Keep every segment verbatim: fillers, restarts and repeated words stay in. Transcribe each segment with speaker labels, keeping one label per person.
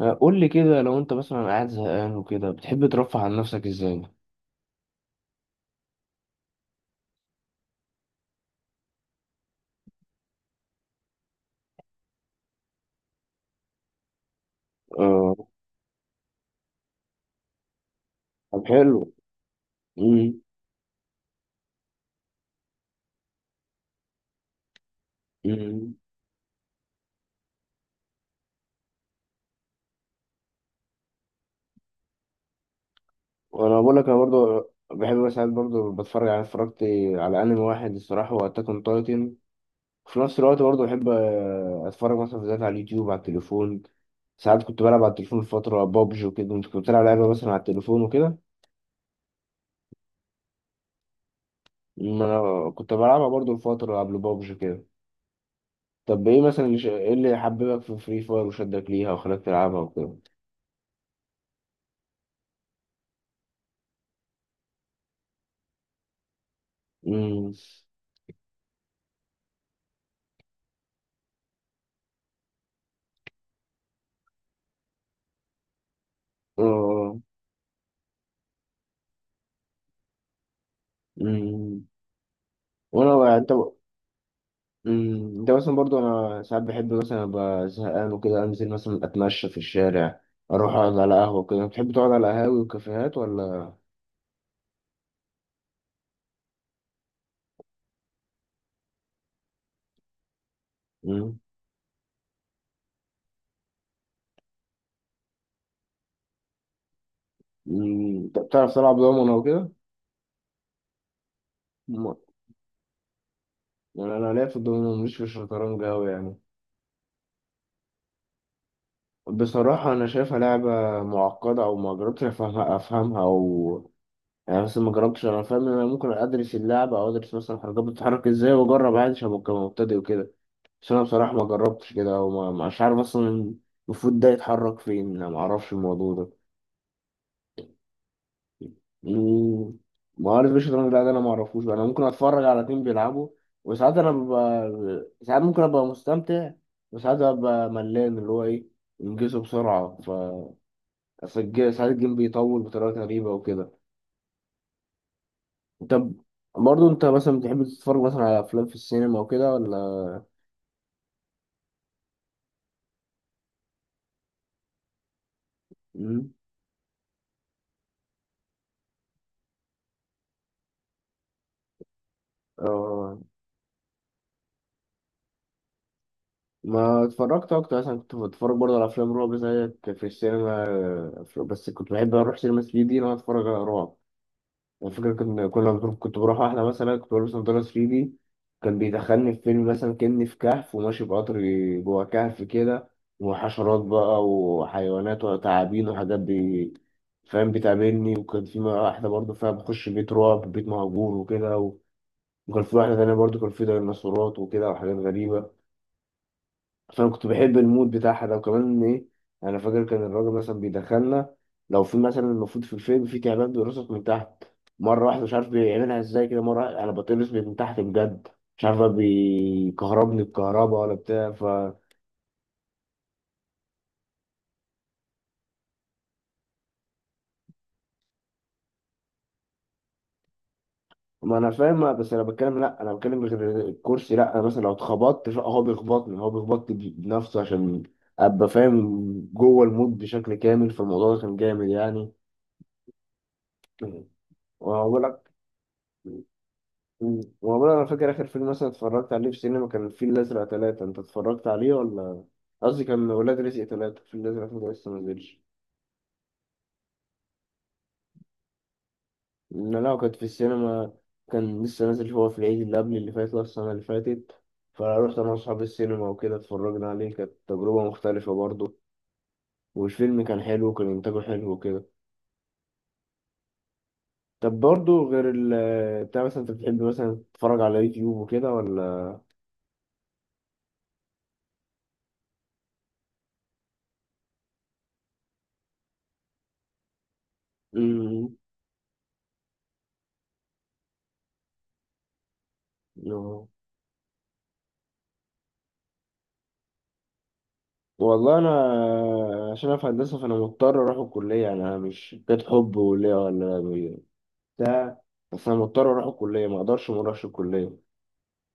Speaker 1: آه، قول لي كده لو انت مثلا قاعد زهقان وكده بتحب ترفه عن نفسك ازاي؟ آه. طب حلو. امم امم وانا بقول لك انا برضو بحب مثلا برضو بتفرج على اتفرجت على انمي واحد الصراحه هو اتاك اون تايتن. في نفس الوقت برضو بحب آه، اتفرج مثلا فيديوهات على اليوتيوب على التليفون. ساعات كنت بلعب على التليفون فتره بابجي وكده. انت كنت بلعب لعبه مثلا على التليفون وكده؟ ما انا كنت بلعبها برضو لفتره قبل بابجي كده. طب ايه مثلا اللي ش- إيه اللي حببك في فري فاير وشدك ليها وخلاك تلعبها وكده؟ امم اه. امم وانا انت. امم انت مثلا برضو انا ساعات بحب مثلا ابقى زهقان وكده انزل مثلا اتمشى في الشارع اروح اقعد على قهوه كده. بتحب تقعد على قهاوي وكافيهات ولا؟ امم أمم. أنت بتعرف تلعب دومنه وكده؟ ما- يعني انا ليا في الدومنه مش في الشطرنج قوي يعني. بصراحه انا شايفها لعبه معقده او ما جربتش افهمها افهمها او يعني مثلا ما جربتش. انا فاهم ان انا ممكن ادرس اللعبه او ادرس مثلا الحركات بتتحرك ازاي واجرب عادي عشان ابقى مبتدئ وكده. بس انا بصراحه ما جربتش كده وما مش عارف اصلا المفروض ده يتحرك فين. انا ما اعرفش الموضوع ده. مم. ما عارف ايش الشطرنج ده, ده انا ما اعرفوش بقى. انا ممكن اتفرج على اتنين بيلعبوا وساعات انا ببقى ساعات ممكن ابقى مستمتع. وساعات ابقى ملان اللي هو ايه انجزه بسرعة ف أصل الج- ساعات الجيم بيطول بطريقة غريبة وكده. طب برضه انت مثلا بتحب تتفرج مثلا على افلام في السينما وكده ولا؟ مم. اه ما اتفرجت اكتر مثلا كنت بتفرج برضه على افلام رعب زيك في السينما، آه، في- بس كنت بحب اروح سينما تلاتة دي ان انا اتفرج على رعب. يعني فكرة كنا كنا بنروح- كنت بروح واحدة مثلا كنت بلبس نضارة تلاتة دي كان بيدخلني في فيلم مثلا كأني في كهف وماشي بقطر جوه كهف كده. وحشرات بقى وحيوانات وتعابين وحاجات بي فاهم بتقابلني. وكان في واحدة برضه فيها بخش بيت رعب بيت مهجور وكده و- وكان في واحدة تانية برضه كان في ديناصورات وكده وحاجات غريبة. فانا كنت بحب المود بتاعها ده وكمان ايه. انا فاكر كان الراجل مثلا بيدخلنا لو في مثلا المفروض في الفيلم في تعبان بيرقصك من تحت. مره واحده مش عارف بيعملها ازاي كده مره واحدة انا بتقرص من تحت بجد. مش عارف بقى بيكهربني بكهرباء ولا بتاع ف. ما انا فاهم بس انا بتكلم لا انا بتكلم غير الكرسي. لا انا مثلا لو اتخبطت لا، هو بيخبطني هو بيخبطني بنفسه عشان ابقى فاهم جوه المود بشكل كامل فالموضوع ده كان جامد يعني. وأقول لك مم. والله انا فاكر اخر فيلم مثلا اتفرجت عليه في السينما كان الفيل الازرق ثلاثة. انت اتفرجت عليه ولا؟ قصدي كان ولاد رزق ثلاثة. الفيل الازرق ثلاثة لسه ما نزلش. إن انا لو كنت في السينما كان لسه نازل هو في العيد اللي قبل اللي فات ولا السنة اللي فاتت. فروحت انا واصحابي السينما وكده اتفرجنا عليه كانت تجربة مختلفة برضه. والفيلم كان حلو وكان انتاجه حلو وكده. طب برضه غير ال بتاع مثلا انت بتحب مثلا تتفرج على يوتيوب وكده ولا؟ مم. والله انا عشان أنا في هندسه فانا مضطر اروح الكليه. يعني انا مش كانت حب ولا ولا بتاع. بس انا مضطر اروح الكليه ما اقدرش ما اروحش الكليه.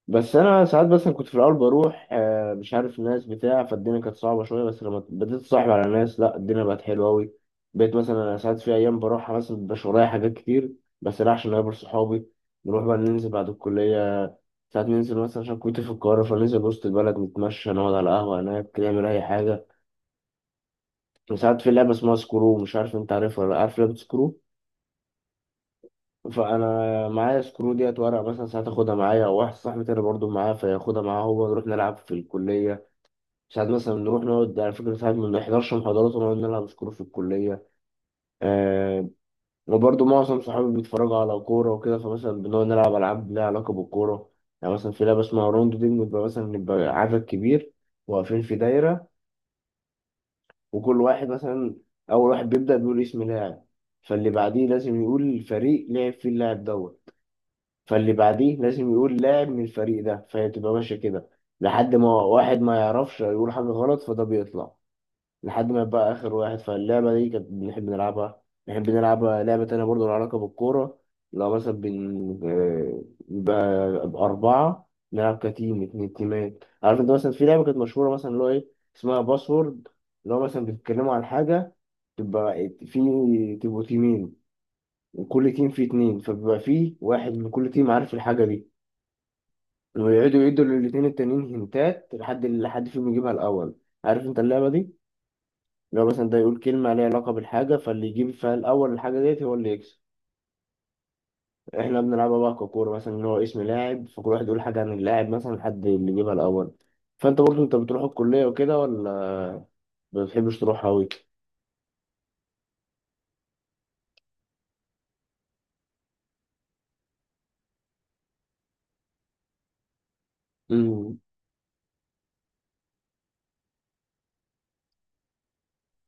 Speaker 1: بس انا ساعات بس كنت في الاول بروح، آه، مش عارف الناس بتاع فالدنيا كانت صعبه شويه. بس لما بديت اتصاحب على ناس لا الدنيا بقت حلوه قوي. بقيت مثلا انا ساعات في ايام بروحها مثلا مبيبقاش ورايا حاجات كتير. بس لا عشان اقابل صحابي نروح بقى ننزل بعد الكليه. ساعات ننزل مثلا عشان كنت في القاهره فننزل وسط البلد نتمشى نقعد على قهوه هناك نعمل اي حاجه. ساعات في لعبة اسمها سكرو. مش عارف انت عارفها ولا لأ. عارف لعبة سكرو؟ فانا معايا سكرو ديت ورق مثلا ساعات اخدها معايا او واحد صاحبي تاني برضه معاه فياخدها معاه هو نروح نلعب في الكلية. ساعات مثلا نروح نقعد على فكرة ساعات ما بنحضرش محاضرات ونقعد نلعب سكرو في الكلية. آه. وبرضه معظم صحابي بيتفرجوا على كورة وكده فمثلا بنقعد نلعب ألعاب لها علاقة بالكورة. يعني مثلا في لعبة اسمها روندو دي بنبقى مثلا نبقى عدد كبير واقفين في دايرة. وكل واحد مثلا اول واحد بيبدا بيقول اسم لاعب. فاللي بعديه لازم يقول الفريق لعب فيه اللاعب دوت. فاللي بعديه لازم يقول لاعب من الفريق ده فهي تبقى ماشيه كده. لحد ما واحد ما يعرفش يقول حاجه غلط فده بيطلع لحد ما بقى آخر واحد. فاللعبة دي كانت بنحب نلعبها. نحب نلعب لعبة تانية برضه لها علاقة بالكورة. لو مثلا بن آه، يبقى أربعة نلعب كتيم اتنين تيمات. عارف أنت مثلا في لعبة كانت مشهورة مثلا اللي هو إيه اسمها باسورد اللي هو مثلا بيتكلموا عن حاجة تبقى في تبقوا تيمين وكل تيم فيه اتنين فبيبقى فيه واحد من كل تيم عارف الحاجة دي. ويقعدوا يدوا للاتنين التانيين هنتات لحد اللي حد فيهم يجيبها الأول. عارف أنت اللعبة دي؟ لو مثلا ده يقول كلمة ليها علاقة بالحاجة فاللي يجيب فيها الأول الحاجة ديت هو اللي يكسب. احنا بنلعبها بقى ككورة مثلا إن هو اسم لاعب فكل واحد يقول حاجة عن اللاعب مثلا لحد اللي يجيبها الأول. فأنت برضه أنت بتروح الكلية وكده ولا ما بتحبش تروح أوي؟ أمم،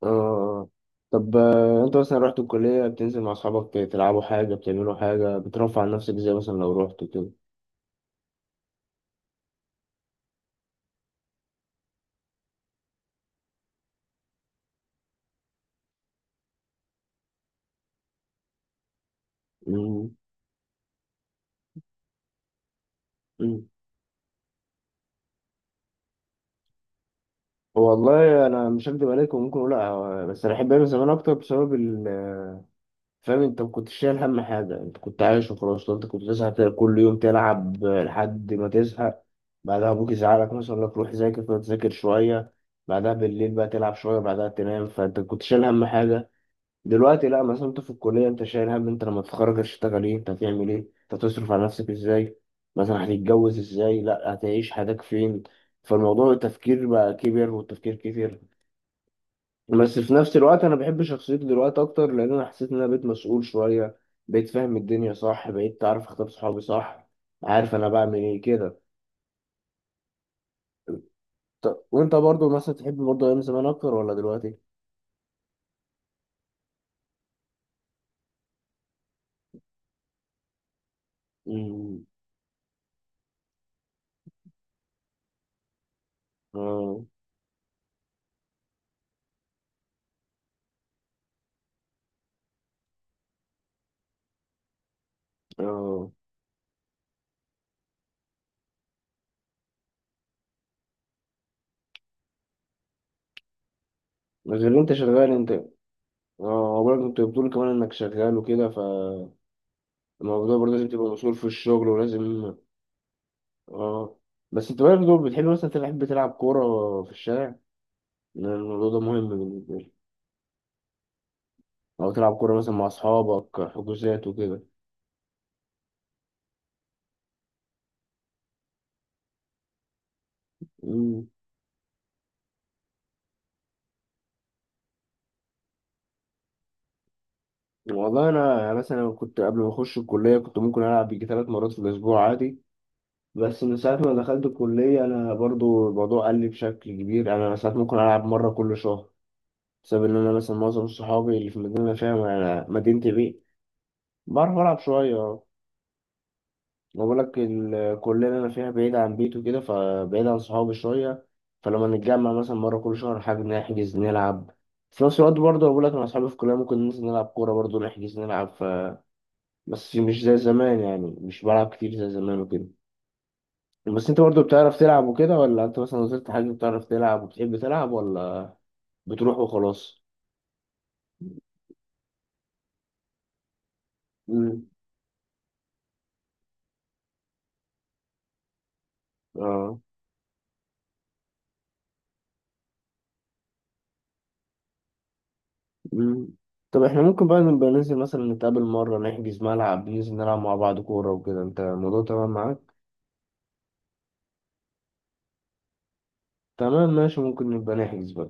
Speaker 1: آه. طب آه، أنت مثلا رحت الكلية بتنزل مع أصحابك تلعبوا حاجة بتعملوا حاجة بترفع عن نفسك إزاي مثلا لو رحت كده؟ أمم، أمم. والله أنا مش هكدب عليكم ممكن أقول لأ بس أنا أحب أعمل زمان أكتر بسبب ال فاهم انت ما كنتش شايل هم حاجه انت كنت عايش وخلاص. لو انت كنت تزهق كل يوم تلعب لحد ما تزهق بعدها ابوك يزعلك مثلا يقول لك روح ذاكر فتذاكر شويه بعدها بالليل بقى تلعب شويه بعدها تنام فانت كنت شايل هم حاجه. دلوقتي لا مثلا انت في الكليه انت شايل هم انت لما تتخرج هتشتغل ايه انت هتعمل ايه انت هتصرف على نفسك ازاي مثلا هتتجوز ازاي لا هتعيش حياتك فين. فالموضوع التفكير بقى كبر والتفكير كتير. بس في نفس الوقت انا بحب شخصيتي دلوقتي اكتر لان انا حسيت ان انا بقيت مسؤول شويه. بقيت فاهم الدنيا صح بقيت عارف اختار صحابي صح عارف انا بعمل ايه كده. طب وانت برضو مثلا تحب برضو ايام زمان اكتر ولا دلوقتي؟ امم اه اه. غير إن انت شغال انت. اه برضه انت بتقول كمان انك شغال وكده فالموضوع برضه لازم تبقى مسؤول في الشغل ولازم. اه بس انت برضه بتحب مثلا تلعب بتلعب كوره في الشارع لأن الموضوع ده مهم بالنسبه لي؟ أو تلعب كورة مثلا مع أصحابك حجوزات وكده؟ مم. والله أنا يعني مثلا كنت قبل ما أخش الكلية كنت ممكن ألعب يجي تلات مرات في الأسبوع عادي. بس من ساعة ما دخلت الكلية أنا برضو الموضوع قل لي بشكل كبير. أنا ساعات ممكن ألعب مرة كل شهر بسبب إن أنا مثلا معظم صحابي اللي في المدينة اللي أنا فيها يعني مدينتي بيه. بعرف ألعب شوية. بقول لك الكلية اللي أنا فيها بعيدة عن بيته وكده فبعيد عن صحابي شوية. فلما نتجمع مثلا مرة كل شهر حاجة نحجز نلعب. في نفس الوقت برضه بقول لك أنا أصحابي في الكلية ممكن ننزل نلعب كورة برضه نحجز نلعب. ف... بس مش زي زمان يعني مش بلعب كتير زي زمان وكده. بس أنت برضه بتعرف تلعب وكده ولا أنت مثلا نزلت حاجة بتعرف تلعب وبتحب تلعب ولا بتروح وخلاص؟ مم. آه. مم. طب احنا ممكن بقى نبقى ننزل مثلا نتقابل مرة نحجز ملعب ننزل نلعب مع بعض كورة وكده أنت الموضوع تمام معاك؟ تمام ماشي ممكن نبقى نحجز بقى.